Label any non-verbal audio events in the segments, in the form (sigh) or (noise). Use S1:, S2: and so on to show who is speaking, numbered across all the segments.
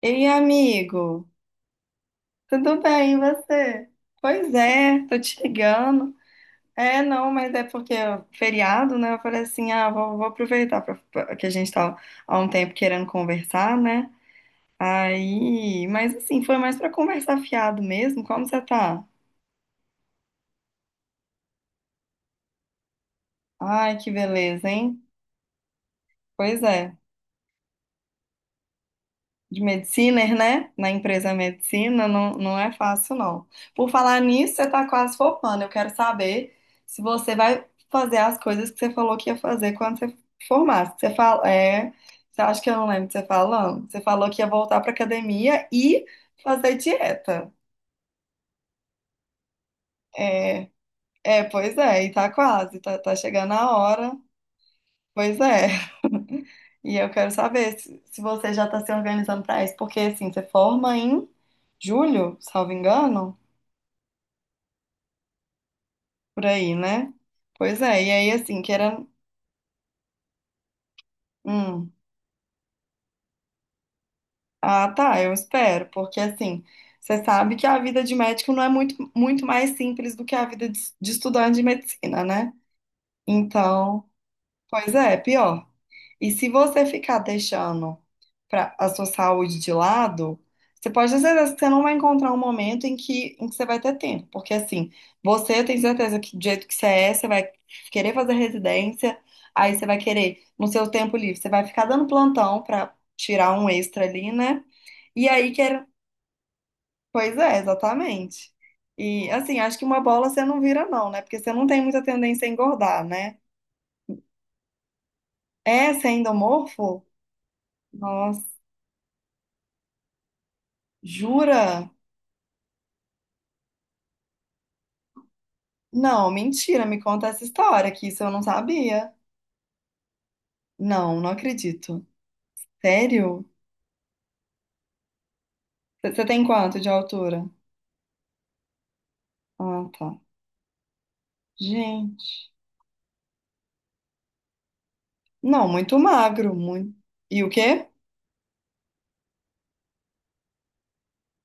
S1: Ei, amigo, tudo bem, e você? Pois é, tô te ligando. É, não, mas é porque é feriado, né? Eu falei assim, ah, vou aproveitar que a gente tá há um tempo querendo conversar, né? Aí, mas assim, foi mais pra conversar fiado mesmo. Como você tá? Ai, que beleza, hein? Pois é. De medicina, né? Na empresa medicina, não, não é fácil, não. Por falar nisso, você tá quase formando. Eu quero saber se você vai fazer as coisas que você falou que ia fazer quando você formasse. Você fala, você acha que eu não lembro de você tá falando? Você falou que ia voltar pra academia e fazer dieta. É, pois é, e tá quase, tá chegando a hora. Pois é. (laughs) E eu quero saber se você já está se organizando para isso, porque assim, você forma em julho, salvo engano? Por aí, né? Pois é, e aí assim, que era. Hum. Ah, tá, eu espero, porque assim, você sabe que a vida de médico não é muito, muito mais simples do que a vida de estudante de medicina, né? Então, pois é, pior. E se você ficar deixando a sua saúde de lado, você pode ter certeza que você não vai encontrar um momento em que você vai ter tempo. Porque, assim, você tem certeza que do jeito que você é, você vai querer fazer residência, aí você vai querer, no seu tempo livre, você vai ficar dando plantão pra tirar um extra ali, né? E aí, quer... pois é, exatamente. E, assim, acho que uma bola você não vira, não, né? Porque você não tem muita tendência a engordar, né? É, você é endomorfo? Nossa. Jura? Não, mentira, me conta essa história, que isso eu não sabia. Não, não acredito. Sério? Você tem quanto de altura? Ah, tá. Gente. Não, muito magro, muito. E o quê?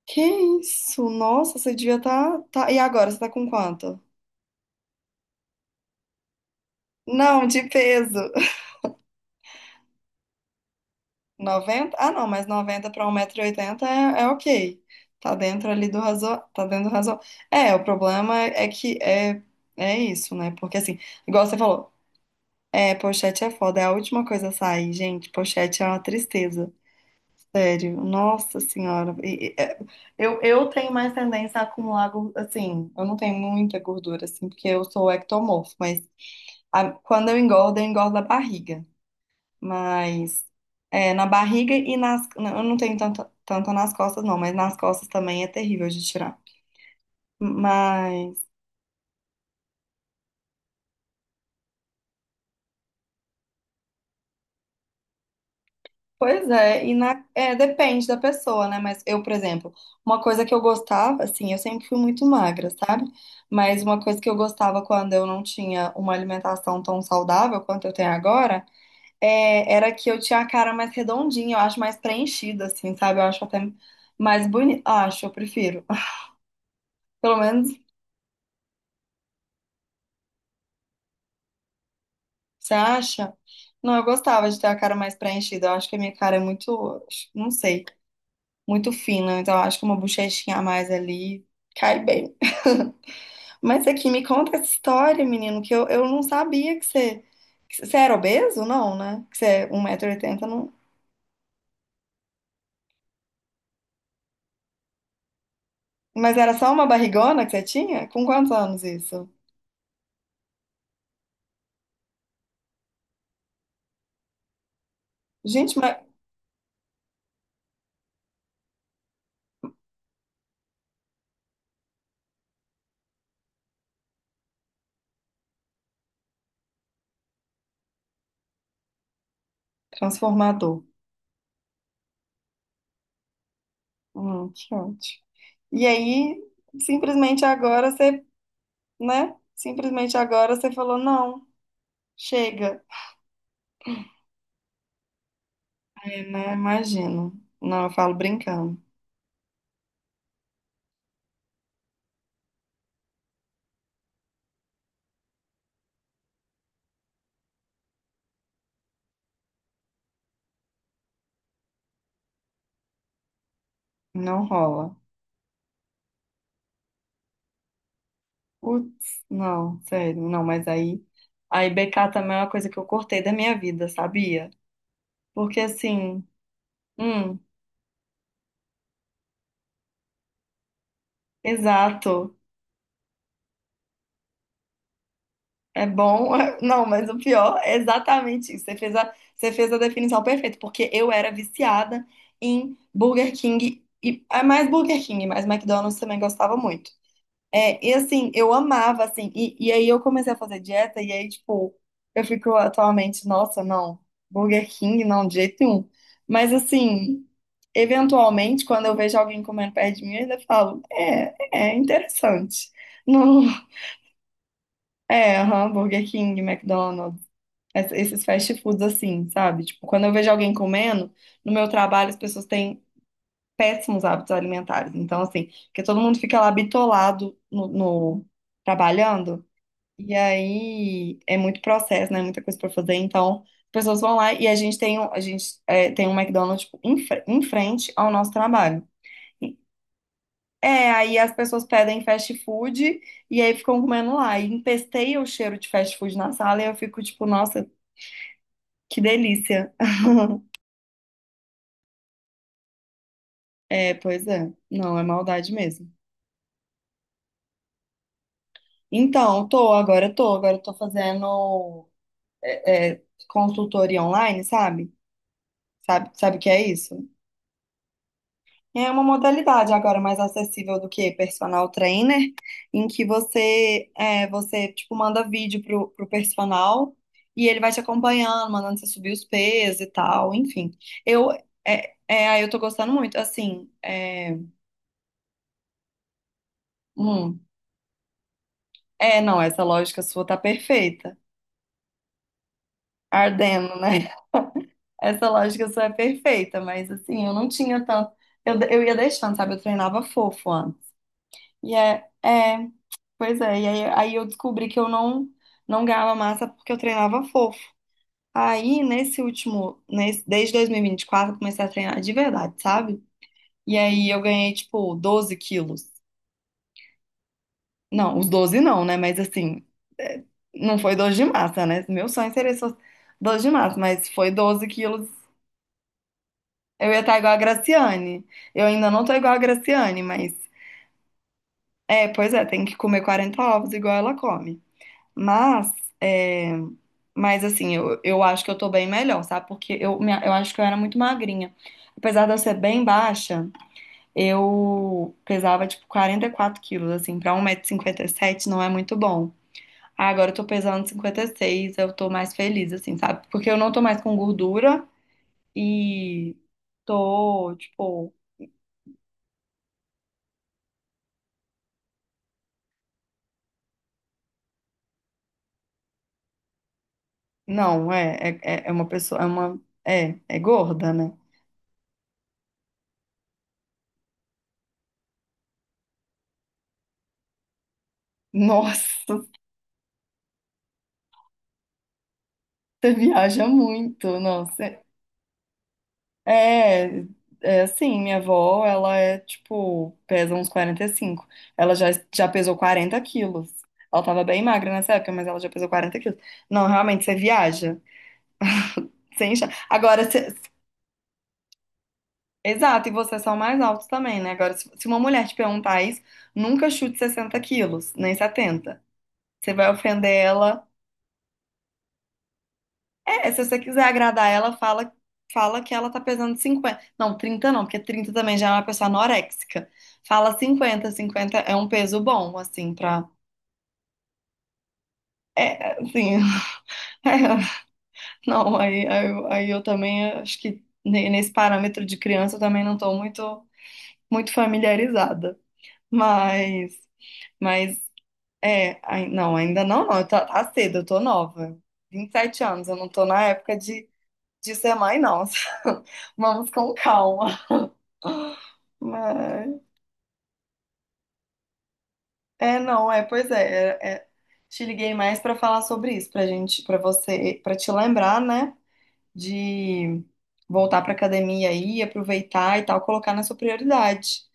S1: Que isso? Nossa, você devia estar. E agora, você tá com quanto? Não, de peso. (laughs) 90. Ah, não, mas 90 para um 1,80 m é ok. Tá dentro ali do razo... Tá dentro do razo... É, o problema é que é isso, né? Porque assim, igual você falou. É, pochete é foda, é a última coisa a sair, gente. Pochete é uma tristeza, sério. Nossa senhora. Eu tenho mais tendência a acumular, assim, eu não tenho muita gordura, assim, porque eu sou ectomorfo, mas quando eu engordo a barriga. Mas é, na barriga e nas. Eu não tenho tanto, tanto nas costas, não, mas nas costas também é terrível de tirar. Mas. Pois é, depende da pessoa, né? Mas eu, por exemplo, uma coisa que eu gostava, assim, eu sempre fui muito magra, sabe? Mas uma coisa que eu gostava quando eu não tinha uma alimentação tão saudável quanto eu tenho agora, era que eu tinha a cara mais redondinha, eu acho mais preenchida, assim, sabe? Eu acho até mais bonita. Acho, eu prefiro. (laughs) Pelo menos, você acha? Não, eu gostava de ter a cara mais preenchida. Eu acho que a minha cara é muito, não sei, muito fina. Então, eu acho que uma bochechinha a mais ali cai bem. Mas aqui, me conta essa história, menino, que eu não sabia que você era obeso, não, né? Que você é 1,80 m não. Mas era só uma barrigona que você tinha? Com quantos anos isso? Gente, mas... Transformador. Que ótimo. E aí, simplesmente agora você, né? Simplesmente agora você falou, não, chega, né? Imagino. Não, eu falo brincando. Não rola. Putz, não, sério, não, mas aí. Aí BK também é uma coisa que eu cortei da minha vida, sabia? Porque assim, hum, exato, é bom. (laughs) Não, mas o pior é exatamente isso. Você fez a definição perfeita, porque eu era viciada em Burger King e é mais Burger King, mas McDonald's também gostava muito. É, e assim, eu amava, assim, e aí eu comecei a fazer dieta, e aí, tipo, eu fico atualmente, nossa, não, Burger King, não, de jeito nenhum. Mas assim, eventualmente, quando eu vejo alguém comendo perto de mim, eu ainda falo, é interessante. Não, aham, Burger King, McDonald's, esses fast foods assim, sabe? Tipo, quando eu vejo alguém comendo, no meu trabalho as pessoas têm péssimos hábitos alimentares. Então, assim, porque todo mundo fica lá bitolado trabalhando. E aí é muito processo, né? Muita coisa pra fazer. Então, as pessoas vão lá e a gente tem, um- a gente, é, tem um McDonald's tipo, em, em frente ao nosso trabalho. É, aí as pessoas pedem fast food e aí ficam comendo lá. E empesteia o cheiro de fast food na sala e eu fico tipo, nossa, que delícia. É, pois é. Não, é maldade mesmo. Então, agora eu tô fazendo é, consultoria online, sabe? Sabe, sabe o que é isso? É uma modalidade agora mais acessível do que personal trainer, em que você tipo manda vídeo pro personal e ele vai te acompanhando, mandando você subir os pesos e tal, enfim. Eu aí eu tô gostando muito, assim, hum, não, essa lógica sua tá perfeita. Ardendo, né? (laughs) Essa lógica sua é perfeita, mas assim, eu não tinha tanto, eu ia deixando, sabe? Eu treinava fofo antes. E é. Pois é, aí eu descobri que eu não ganhava massa porque eu treinava fofo. Aí, desde 2024, eu comecei a treinar de verdade, sabe? E aí eu ganhei, tipo, 12 quilos. Não, os 12 não, né? Mas assim, é, não foi 12 de massa, né? Meu sonho seria só 12 de massa, mas foi 12 quilos. Eu ia estar igual a Graciane. Eu ainda não tô igual a Graciane, mas. É, pois é, tem que comer 40 ovos igual ela come. Mas, é, mas assim, eu acho que eu tô bem melhor, sabe? Porque eu acho que eu era muito magrinha. Apesar de eu ser bem baixa, eu pesava tipo 44 quilos, assim, pra 1,57 m não é muito bom. Ah, agora eu tô pesando 56, eu tô mais feliz, assim, sabe? Porque eu não tô mais com gordura e tô, tipo, não, é é uma pessoa, é gorda, né? Nossa, (laughs) você viaja muito, nossa. É, é assim, minha avó, ela é tipo, pesa uns 45. Ela já pesou 40 quilos. Ela tava bem magra nessa época, mas ela já pesou 40 quilos. Não, realmente, você viaja. Você enche... Exato, e vocês são mais altos também, né? Agora, se uma mulher te perguntar isso, nunca chute 60 quilos, nem 70. Você vai ofender ela. É, se você quiser agradar ela, fala que ela tá pesando 50. Não, 30 não, porque 30 também já é uma pessoa anoréxica. Fala 50. Cinquenta é um peso bom, assim, pra. É, assim. (laughs) é, Não, aí eu também acho que nesse parâmetro de criança eu também não tô muito, muito familiarizada. Mas, mas, não, ainda não, não, tá cedo, eu tô nova. 27 anos, eu não tô na época de ser mãe, não. (laughs) Vamos com calma. Mas... É, não, é, pois é, é, é. Te liguei mais pra falar sobre isso, pra gente, pra você, pra te lembrar, né, de voltar pra academia aí, aproveitar e tal, colocar na sua prioridade.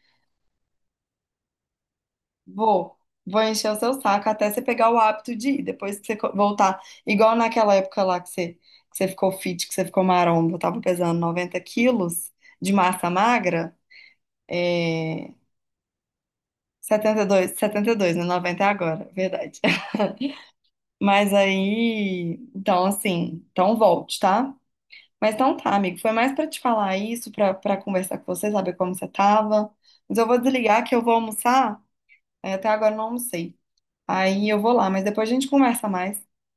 S1: Vou, vou encher o seu saco até você pegar o hábito de ir, depois que você voltar, igual naquela época lá que você ficou fit, que você ficou maromba, eu tava pesando 90 quilos de massa magra, é, 72, 72, né, 90 é agora, verdade. Mas aí, então assim, então volte, tá? Mas então tá, amigo, foi mais pra te falar isso, pra para conversar com você, saber como você tava. Mas eu vou desligar que eu vou almoçar. É, até agora eu não almocei. Aí eu vou lá, mas depois a gente conversa mais, tá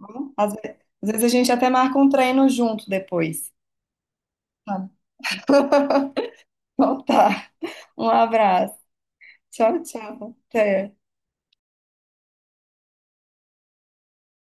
S1: bom? Às vezes, a gente até marca um treino junto depois. Tá. (laughs) Então tá. Um abraço. Tchau, tchau. Até.